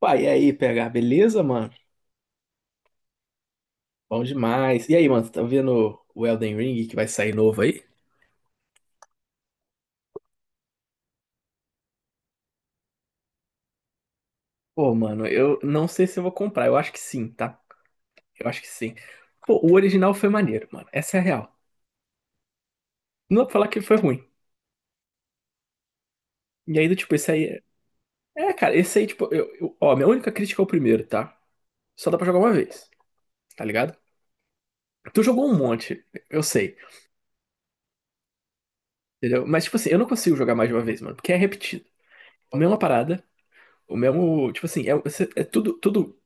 Pai, e aí, PH, beleza, mano? Bom demais. E aí, mano, tá vendo o Elden Ring que vai sair novo aí? Pô, mano, eu não sei se eu vou comprar. Eu acho que sim, tá? Eu acho que sim. Pô, o original foi maneiro, mano. Essa é a real. Não dá pra falar que foi ruim. E aí, do tipo, esse aí. É, cara, esse aí, tipo, ó, minha única crítica é o primeiro, tá? Só dá pra jogar uma vez, tá ligado? Tu jogou um monte, eu sei, entendeu? Mas, tipo assim, eu não consigo jogar mais de uma vez, mano, porque é repetido. A mesma parada, o mesmo. Tipo assim, é, é tudo.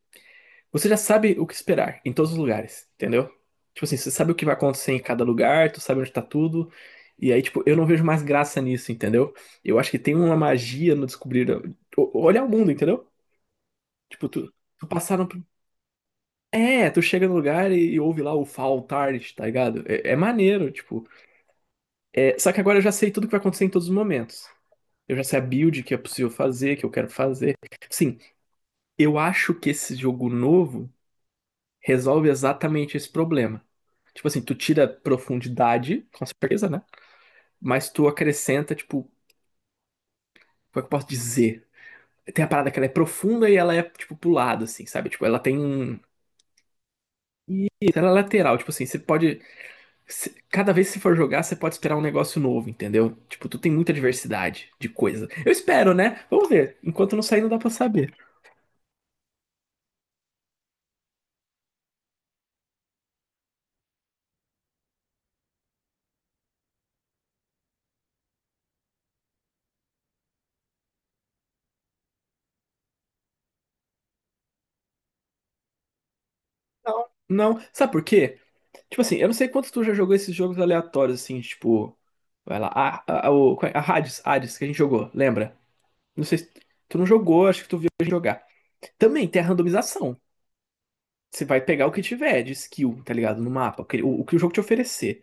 Você já sabe o que esperar em todos os lugares, entendeu? Tipo assim, você sabe o que vai acontecer em cada lugar, tu sabe onde tá tudo. E aí, tipo, eu não vejo mais graça nisso, entendeu? Eu acho que tem uma magia no descobrir. Olhar o mundo, entendeu? Tipo, tu É, tu chega no lugar e ouve lá o Fall Tart, tá ligado? É, é maneiro, tipo. É, só que agora eu já sei tudo que vai acontecer em todos os momentos. Eu já sei a build que é possível fazer, que eu quero fazer. Sim, eu acho que esse jogo novo resolve exatamente esse problema. Tipo assim, tu tira profundidade, com certeza, né? Mas tu acrescenta, tipo, como é que eu posso dizer? Tem a parada que ela é profunda e ela é, tipo, pro lado, assim, sabe? Tipo, ela Ela é lateral, tipo assim, você pode. Se- Cada vez que você for jogar, você pode esperar um negócio novo, entendeu? Tipo, tu tem muita diversidade de coisa. Eu espero, né? Vamos ver. Enquanto não sair, não dá pra saber. Não, não. Sabe por quê? Tipo assim, eu não sei quantos tu já jogou esses jogos aleatórios, assim, tipo. Vai lá, qual é? A Hades, que a gente jogou, lembra? Não sei se tu não jogou, acho que tu viu a gente jogar. Também tem a randomização. Você vai pegar o que tiver de skill, tá ligado? No mapa, o, que o que o jogo te oferecer.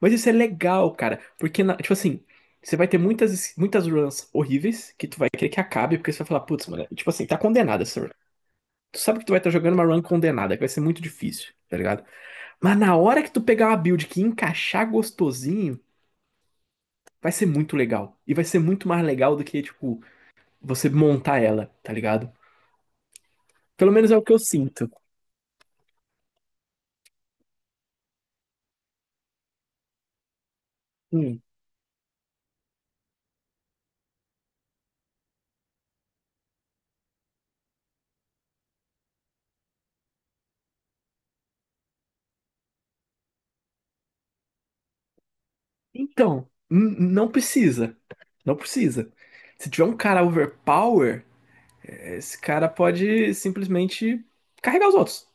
Mas isso é legal, cara, porque, tipo assim, você vai ter muitas runs horríveis que tu vai querer que acabe, porque você vai falar, putz, mano, tipo assim, tá condenada essa run. Tu sabe que tu vai estar jogando uma run condenada, que vai ser muito difícil, tá ligado? Mas na hora que tu pegar uma build que encaixar gostosinho, vai ser muito legal. E vai ser muito mais legal do que, tipo, você montar ela, tá ligado? Pelo menos é o que eu sinto. Hum. Então, não precisa. Não precisa. Se tiver um cara overpower, esse cara pode simplesmente carregar os outros.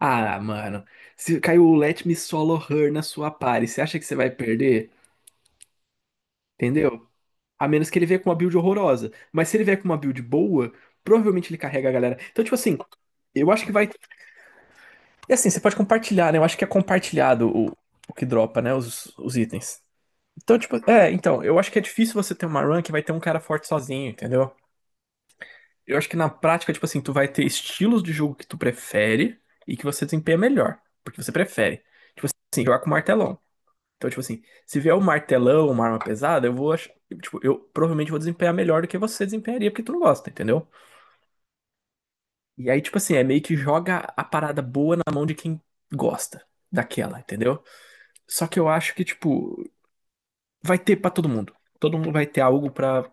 Ah, mano. Se caiu o Let Me Solo Her na sua party, você acha que você vai perder? Entendeu? A menos que ele venha com uma build horrorosa. Mas se ele vier com uma build boa, provavelmente ele carrega a galera. Então, tipo assim, eu acho que vai. E assim, você pode compartilhar, né? Eu acho que é compartilhado o que dropa, né? Os itens. Então, tipo, é, então, eu acho que é difícil você ter uma run que vai ter um cara forte sozinho, entendeu? Eu acho que na prática, tipo assim, tu vai ter estilos de jogo que tu prefere e que você desempenha melhor, porque você prefere. Tipo assim, jogar com martelão. Então, tipo assim, se vier um martelão, uma arma pesada, eu vou achar. Tipo, eu provavelmente vou desempenhar melhor do que você desempenharia, porque tu não gosta, entendeu? E aí, tipo assim, é meio que joga a parada boa na mão de quem gosta daquela, entendeu? Só que eu acho que, tipo, vai ter pra todo mundo. Todo mundo vai ter algo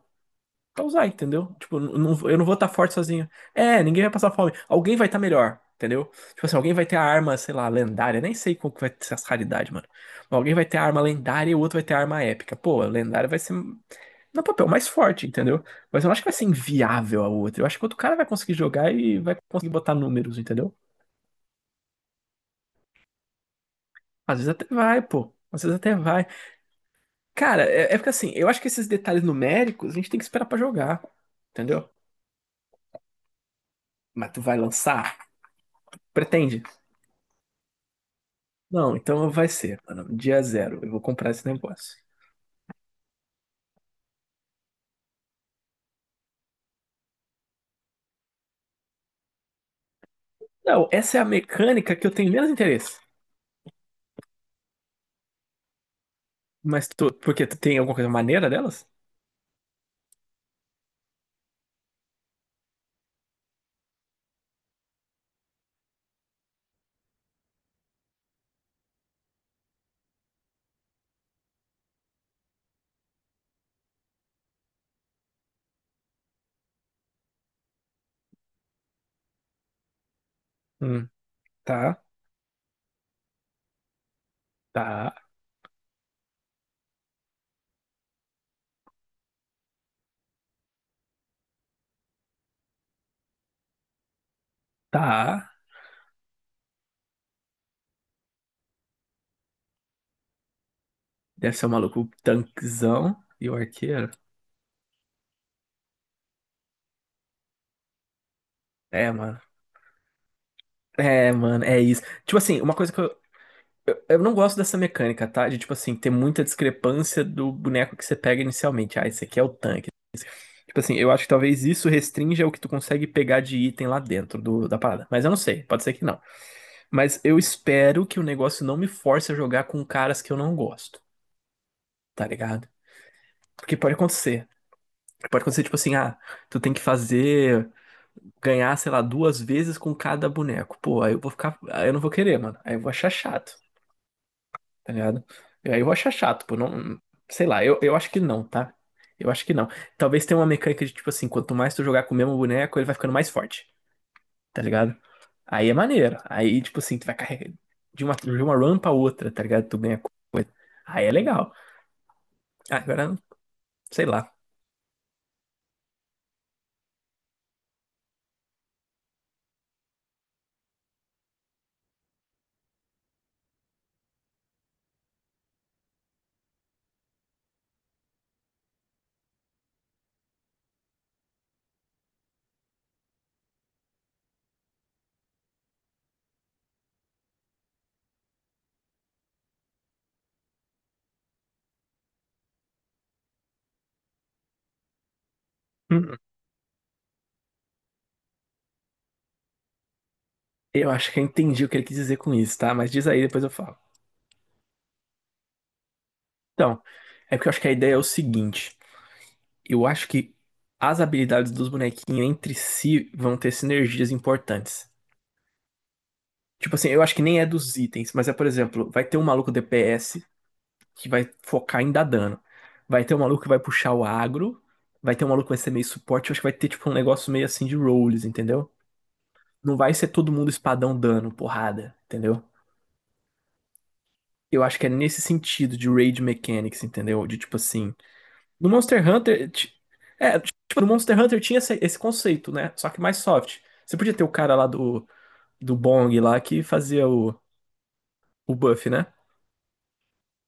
pra usar, entendeu? Tipo, eu não vou estar forte sozinho. É, ninguém vai passar fome. Alguém vai estar melhor, entendeu? Tipo assim, alguém vai ter a arma, sei lá, lendária. Nem sei qual que vai ser as raridades, mano. Mas alguém vai ter a arma lendária e o outro vai ter a arma épica. Pô, a lendária vai ser no papel mais forte, entendeu? Mas eu não acho que vai ser inviável a outra. Eu acho que outro cara vai conseguir jogar e vai conseguir botar números, entendeu? Às vezes até vai, pô. Às vezes até vai. Cara, é, é porque assim, eu acho que esses detalhes numéricos a gente tem que esperar pra jogar, entendeu? Mas tu vai lançar? Pretende? Não, então vai ser, mano. Dia zero. Eu vou comprar esse negócio. Não, essa é a mecânica que eu tenho menos interesse. Mas tu, por quê? Tu tem alguma coisa maneira delas? Hum, tá, tá, tá. Deve ser o maluco, o tanquezão e o arqueiro. É, mano. É, mano, é isso. Tipo assim, uma coisa que eu não gosto dessa mecânica, tá? De, tipo assim, ter muita discrepância do boneco que você pega inicialmente. Ah, esse aqui é o tanque. Tipo assim, eu acho que talvez isso restrinja o que tu consegue pegar de item lá dentro do, da parada. Mas eu não sei, pode ser que não. Mas eu espero que o negócio não me force a jogar com caras que eu não gosto, tá ligado? Porque pode acontecer. Pode acontecer, tipo assim, ah, tu tem que fazer, ganhar, sei lá, duas vezes com cada boneco. Pô, aí eu vou ficar, aí eu não vou querer, mano. Aí eu vou achar chato, tá ligado? Aí eu vou achar chato, pô, não, sei lá, eu acho que não, tá? Eu acho que não. Talvez tenha uma mecânica de, tipo assim, quanto mais tu jogar com o mesmo boneco, ele vai ficando mais forte. Tá ligado? Aí é maneiro. Aí, tipo assim, tu vai carregando de uma run pra outra, tá ligado? Tu ganha coisa. Aí é legal. Ah, agora, sei lá. Hum. Eu acho que eu entendi o que ele quis dizer com isso, tá? Mas diz aí, depois eu falo. Então, é porque eu acho que a ideia é o seguinte. Eu acho que as habilidades dos bonequinhos entre si vão ter sinergias importantes. Tipo assim, eu acho que nem é dos itens, mas é, por exemplo, vai ter um maluco DPS que vai focar em dar dano. Vai ter um maluco que vai puxar o agro, vai ter um maluco que vai ser meio suporte, eu acho que vai ter tipo um negócio meio assim de roles, entendeu? Não vai ser todo mundo espadão dano, porrada, entendeu? Eu acho que é nesse sentido de raid mechanics, entendeu? De tipo assim, no é, tipo, no Monster Hunter tinha esse conceito, né? Só que mais soft. Você podia ter o cara lá do Bong lá que fazia o buff, né?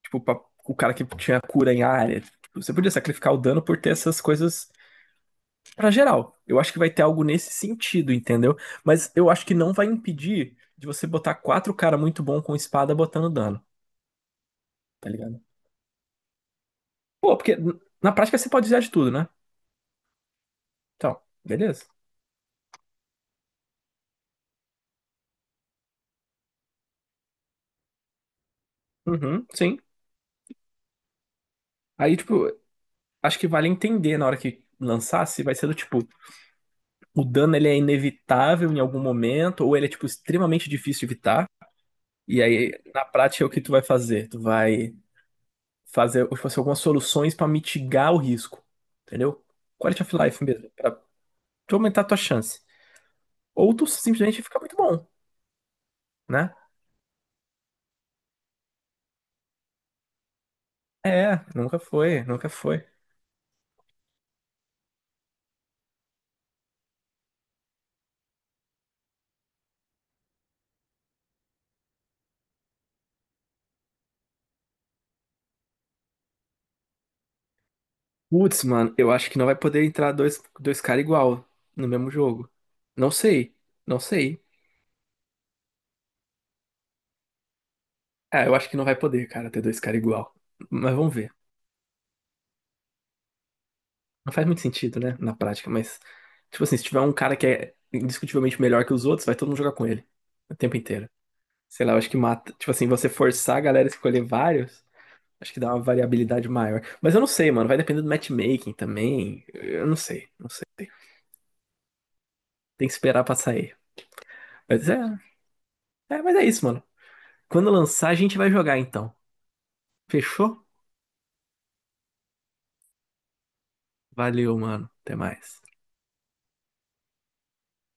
Tipo, o cara que tinha cura em área. Tipo, você podia sacrificar o dano por ter essas coisas pra geral. Eu acho que vai ter algo nesse sentido, entendeu? Mas eu acho que não vai impedir de você botar quatro cara muito bom com espada botando dano, tá ligado? Pô, porque na prática você pode usar de tudo, né? Então, beleza. Uhum, sim. Aí, tipo, acho que vale entender na hora que lançar se vai ser do tipo, o dano ele é inevitável em algum momento, ou ele é, tipo, extremamente difícil de evitar. E aí, na prática, é o que tu vai fazer? Tu vai fazer, tipo assim, algumas soluções pra mitigar o risco, entendeu? Quality of life mesmo. Tu aumentar a tua chance. Ou tu simplesmente fica muito bom, né? É, nunca foi, nunca foi. Putz, mano, eu acho que não vai poder entrar dois caras igual no mesmo jogo. Não sei, não sei. É, eu acho que não vai poder, cara, ter dois caras igual. Mas vamos ver. Não faz muito sentido, né, na prática, mas... Tipo assim, se tiver um cara que é indiscutivelmente melhor que os outros, vai todo mundo jogar com ele. O tempo inteiro. Sei lá, eu acho que mata. Tipo assim, você forçar a galera a escolher vários, acho que dá uma variabilidade maior. Mas eu não sei, mano. Vai depender do matchmaking também. Eu não sei, não sei. Tem que esperar pra sair. Mas mas é isso, mano. Quando lançar, a gente vai jogar então. Fechou? Valeu, mano. Até mais.